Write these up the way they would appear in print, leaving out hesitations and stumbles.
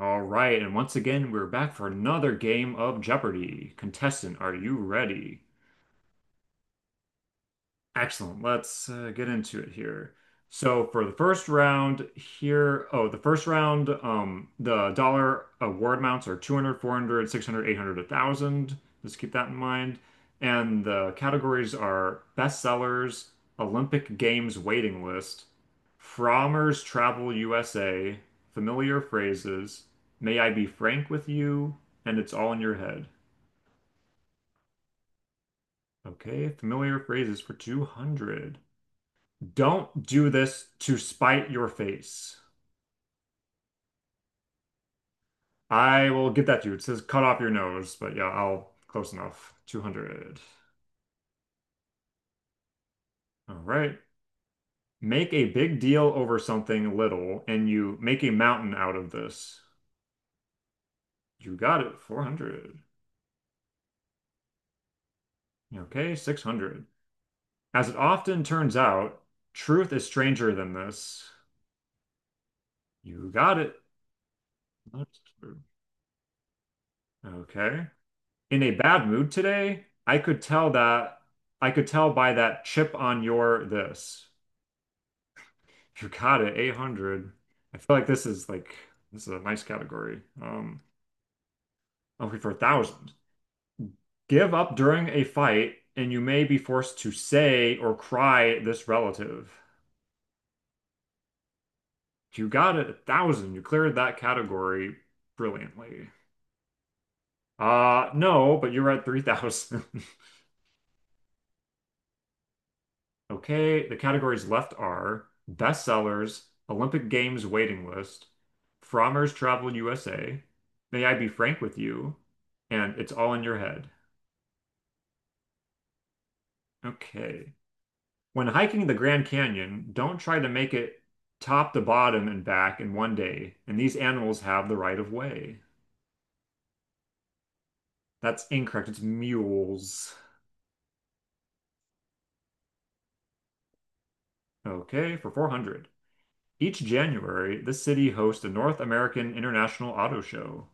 All right, and once again, we're back for another game of Jeopardy! Contestant, are you ready? Excellent. Let's get into it here. So for the first round here, the dollar award amounts are 200, 400, 600, 800, 1000. Just keep that in mind. And the categories are bestsellers, Olympic Games waiting list, Frommer's Travel USA, familiar phrases, May I be frank with you, and it's all in your head. Okay, familiar phrases for 200. Don't do this to spite your face. I will give that to you. It says cut off your nose, but yeah, I'll close enough. 200. All right. Make a big deal over something little, and you make a mountain out of this. You got it. 400. Okay, 600. As it often turns out, truth is stranger than this. You got it. That's true. Okay, in a bad mood today, I could tell by that chip on your this. You got it, 800. I feel like this is a nice category. Okay, for a thousand. Give up during a fight and you may be forced to say or cry this relative. You got it, a thousand. You cleared that category brilliantly. No, but you're at 3,000. Okay, the categories left are bestsellers, Olympic Games waiting list, Frommer's Travel USA, May I Be Frank with You, and It's All in Your Head. Okay. When hiking the Grand Canyon, don't try to make it top to bottom and back in one day, and these animals have the right of way. That's incorrect. It's mules. Okay, for 400. Each January, the city hosts a North American International Auto Show.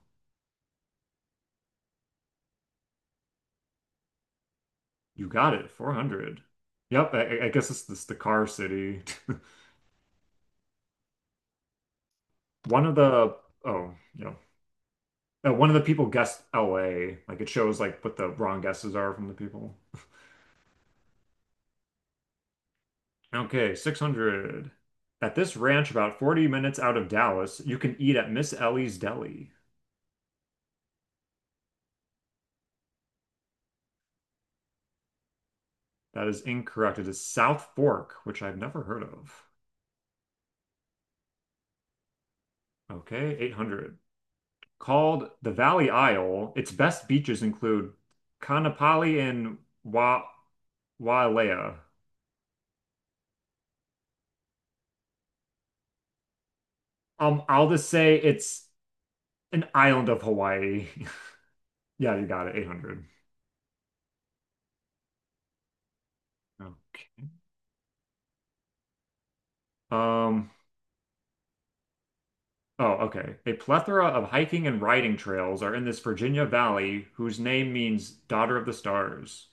You got it, 400. Yep, I guess it's this the car city. One of the Oh, yeah, one of the people guessed LA. Like it shows like what the wrong guesses are from the people. Okay, 600. At this ranch about 40 minutes out of Dallas, you can eat at Miss Ellie's Deli. That is incorrect. It is South Fork, which I've never heard of. Okay, 800. Called the Valley Isle, its best beaches include Kanapali and Wa Wailea. I'll just say it's an island of Hawaii. Yeah, you got it. 800. Okay. Um, oh, okay. A plethora of hiking and riding trails are in this Virginia valley whose name means daughter of the stars.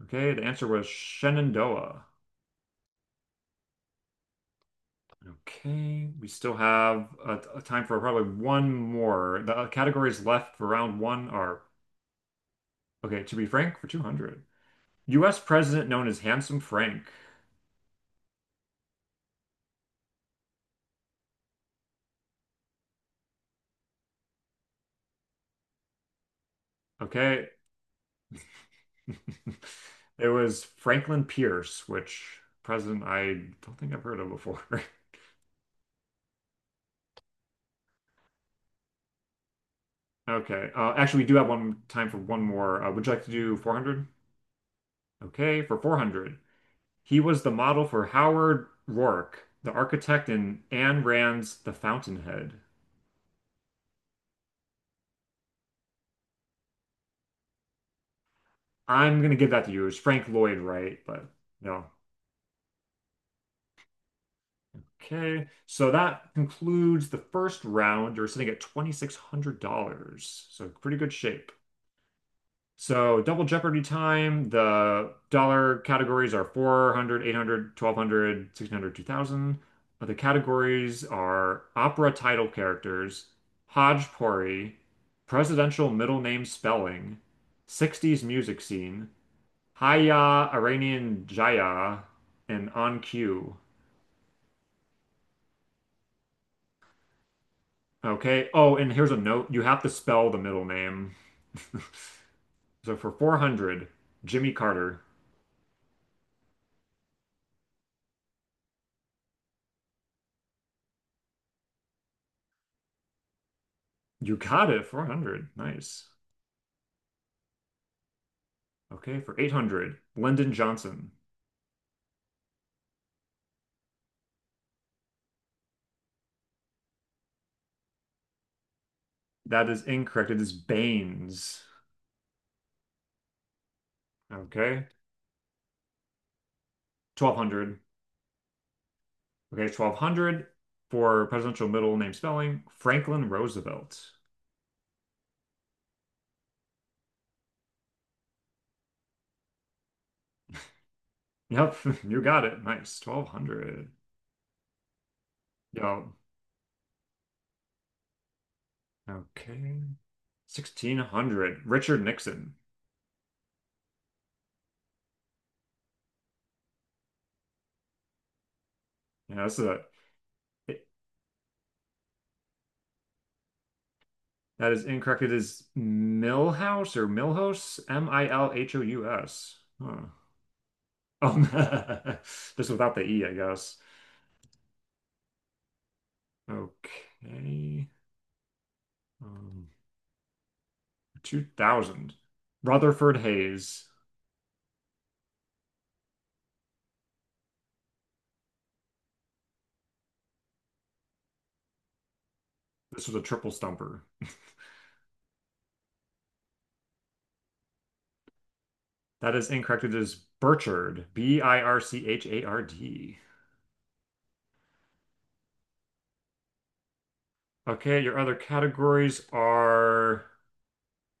Okay, the answer was Shenandoah. Okay, we still have a time for probably one more. The categories left for round one are. Okay, to be frank, for 200. US president known as Handsome Frank. Okay. It was Franklin Pierce, which president I don't think I've heard of before. Okay. Actually, we do have one time for one more. Would you like to do 400? Okay, for 400. He was the model for Howard Rourke, the architect in Ayn Rand's The Fountainhead. I'm going to give that to you. It's Frank Lloyd Wright, but no. Okay, so that concludes the first round. You're sitting at $2,600, so pretty good shape. So Double Jeopardy time, the dollar categories are 400, 800, 1200, 1600, 2000. The categories are opera title characters, hodgepodge, presidential middle name spelling, 60s music scene, Haya Iranian Jaya, and On Cue. Okay. Oh, and here's a note. You have to spell the middle name. So for 400, Jimmy Carter. You got it, 400. Nice. Okay, for 800, Lyndon Johnson. That is incorrect. It is Baines. Okay, 1200. Okay, 1200 for presidential middle name spelling, Franklin Roosevelt. Yep, you got it. Nice. 1200. Yep. Okay. 1600, Richard Nixon. Yeah, it- that is incorrect. It is Milhouse or Milhouse, Milhous. Huh. Um, just without the E, I guess. Okay. Um, 2000. Rutherford Hayes. This was a triple stumper. That is incorrect. It is Burchard. Birchard. Okay, your other categories are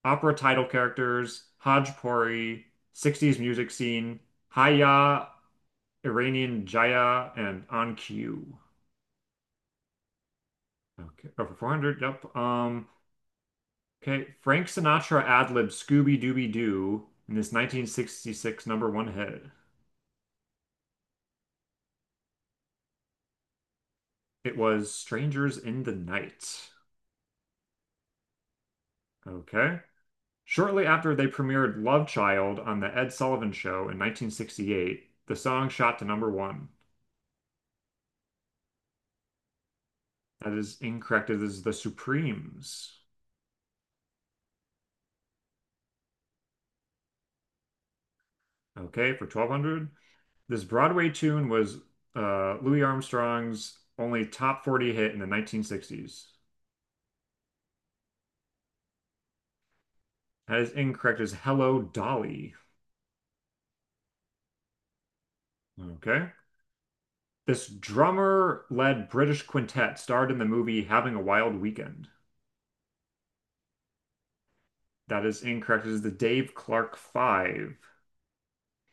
opera title characters, Hajpuri, 60s music scene, Haya, Iranian Jaya, and On Cue. Okay, over 400. Yep. Okay, Frank Sinatra ad-libbed Scooby Dooby Doo in this 1966 number one hit. It was Strangers in the Night. Okay. Shortly after they premiered Love Child on The Ed Sullivan Show in 1968, the song shot to number one. That is incorrect. It is The Supremes. Okay, for 1200. This Broadway tune was Louis Armstrong's only top 40 hit in the 1960s. That is incorrect. It is Hello Dolly. Okay. This drummer-led British quintet starred in the movie Having a Wild Weekend. That is incorrect. It is the Dave Clark Five.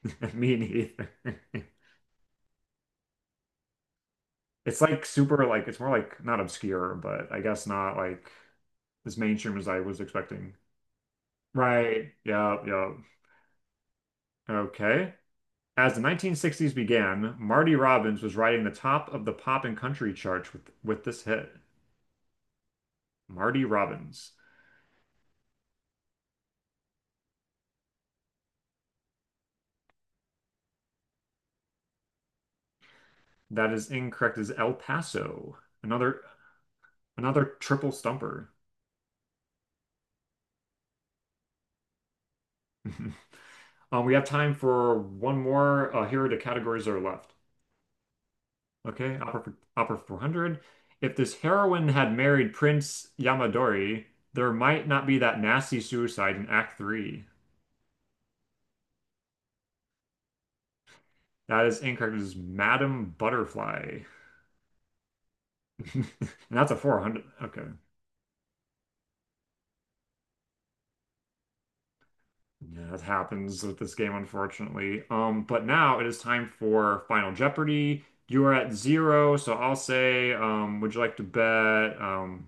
Me neither. It's like super like it's more like not obscure, but I guess not like as mainstream as I was expecting. Right. Yeah, yeah. Okay. As the 1960s began, Marty Robbins was riding the top of the pop and country charts with this hit. Marty Robbins. That is incorrect. It is El Paso. Another another triple stumper. We have time for one more. Here are the categories that are left. Okay, Opera 400. If this heroine had married Prince Yamadori, there might not be that nasty suicide in Act 3. That is incorrect. It is Madame Butterfly. And that's a 400. Okay. Yeah, that happens with this game, unfortunately. But now it is time for Final Jeopardy. You are at zero, so I'll say, would you like to bet?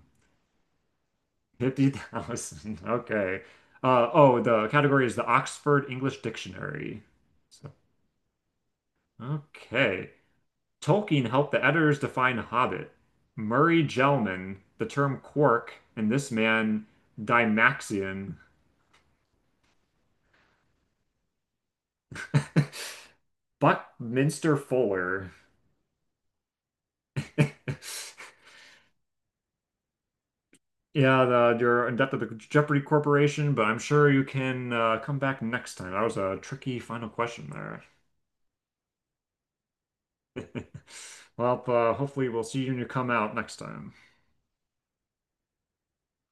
50,000. Okay. Oh, the category is the Oxford English Dictionary. So, okay. Tolkien helped the editors define hobbit. Murray Gell-mann, the term quark, and this man, Dymaxion. Buckminster Fuller. Yeah, you're in debt to the Jeopardy Corporation, but I'm sure you can come back next time. That was a tricky final question there. Well, hopefully we'll see you when you come out next time.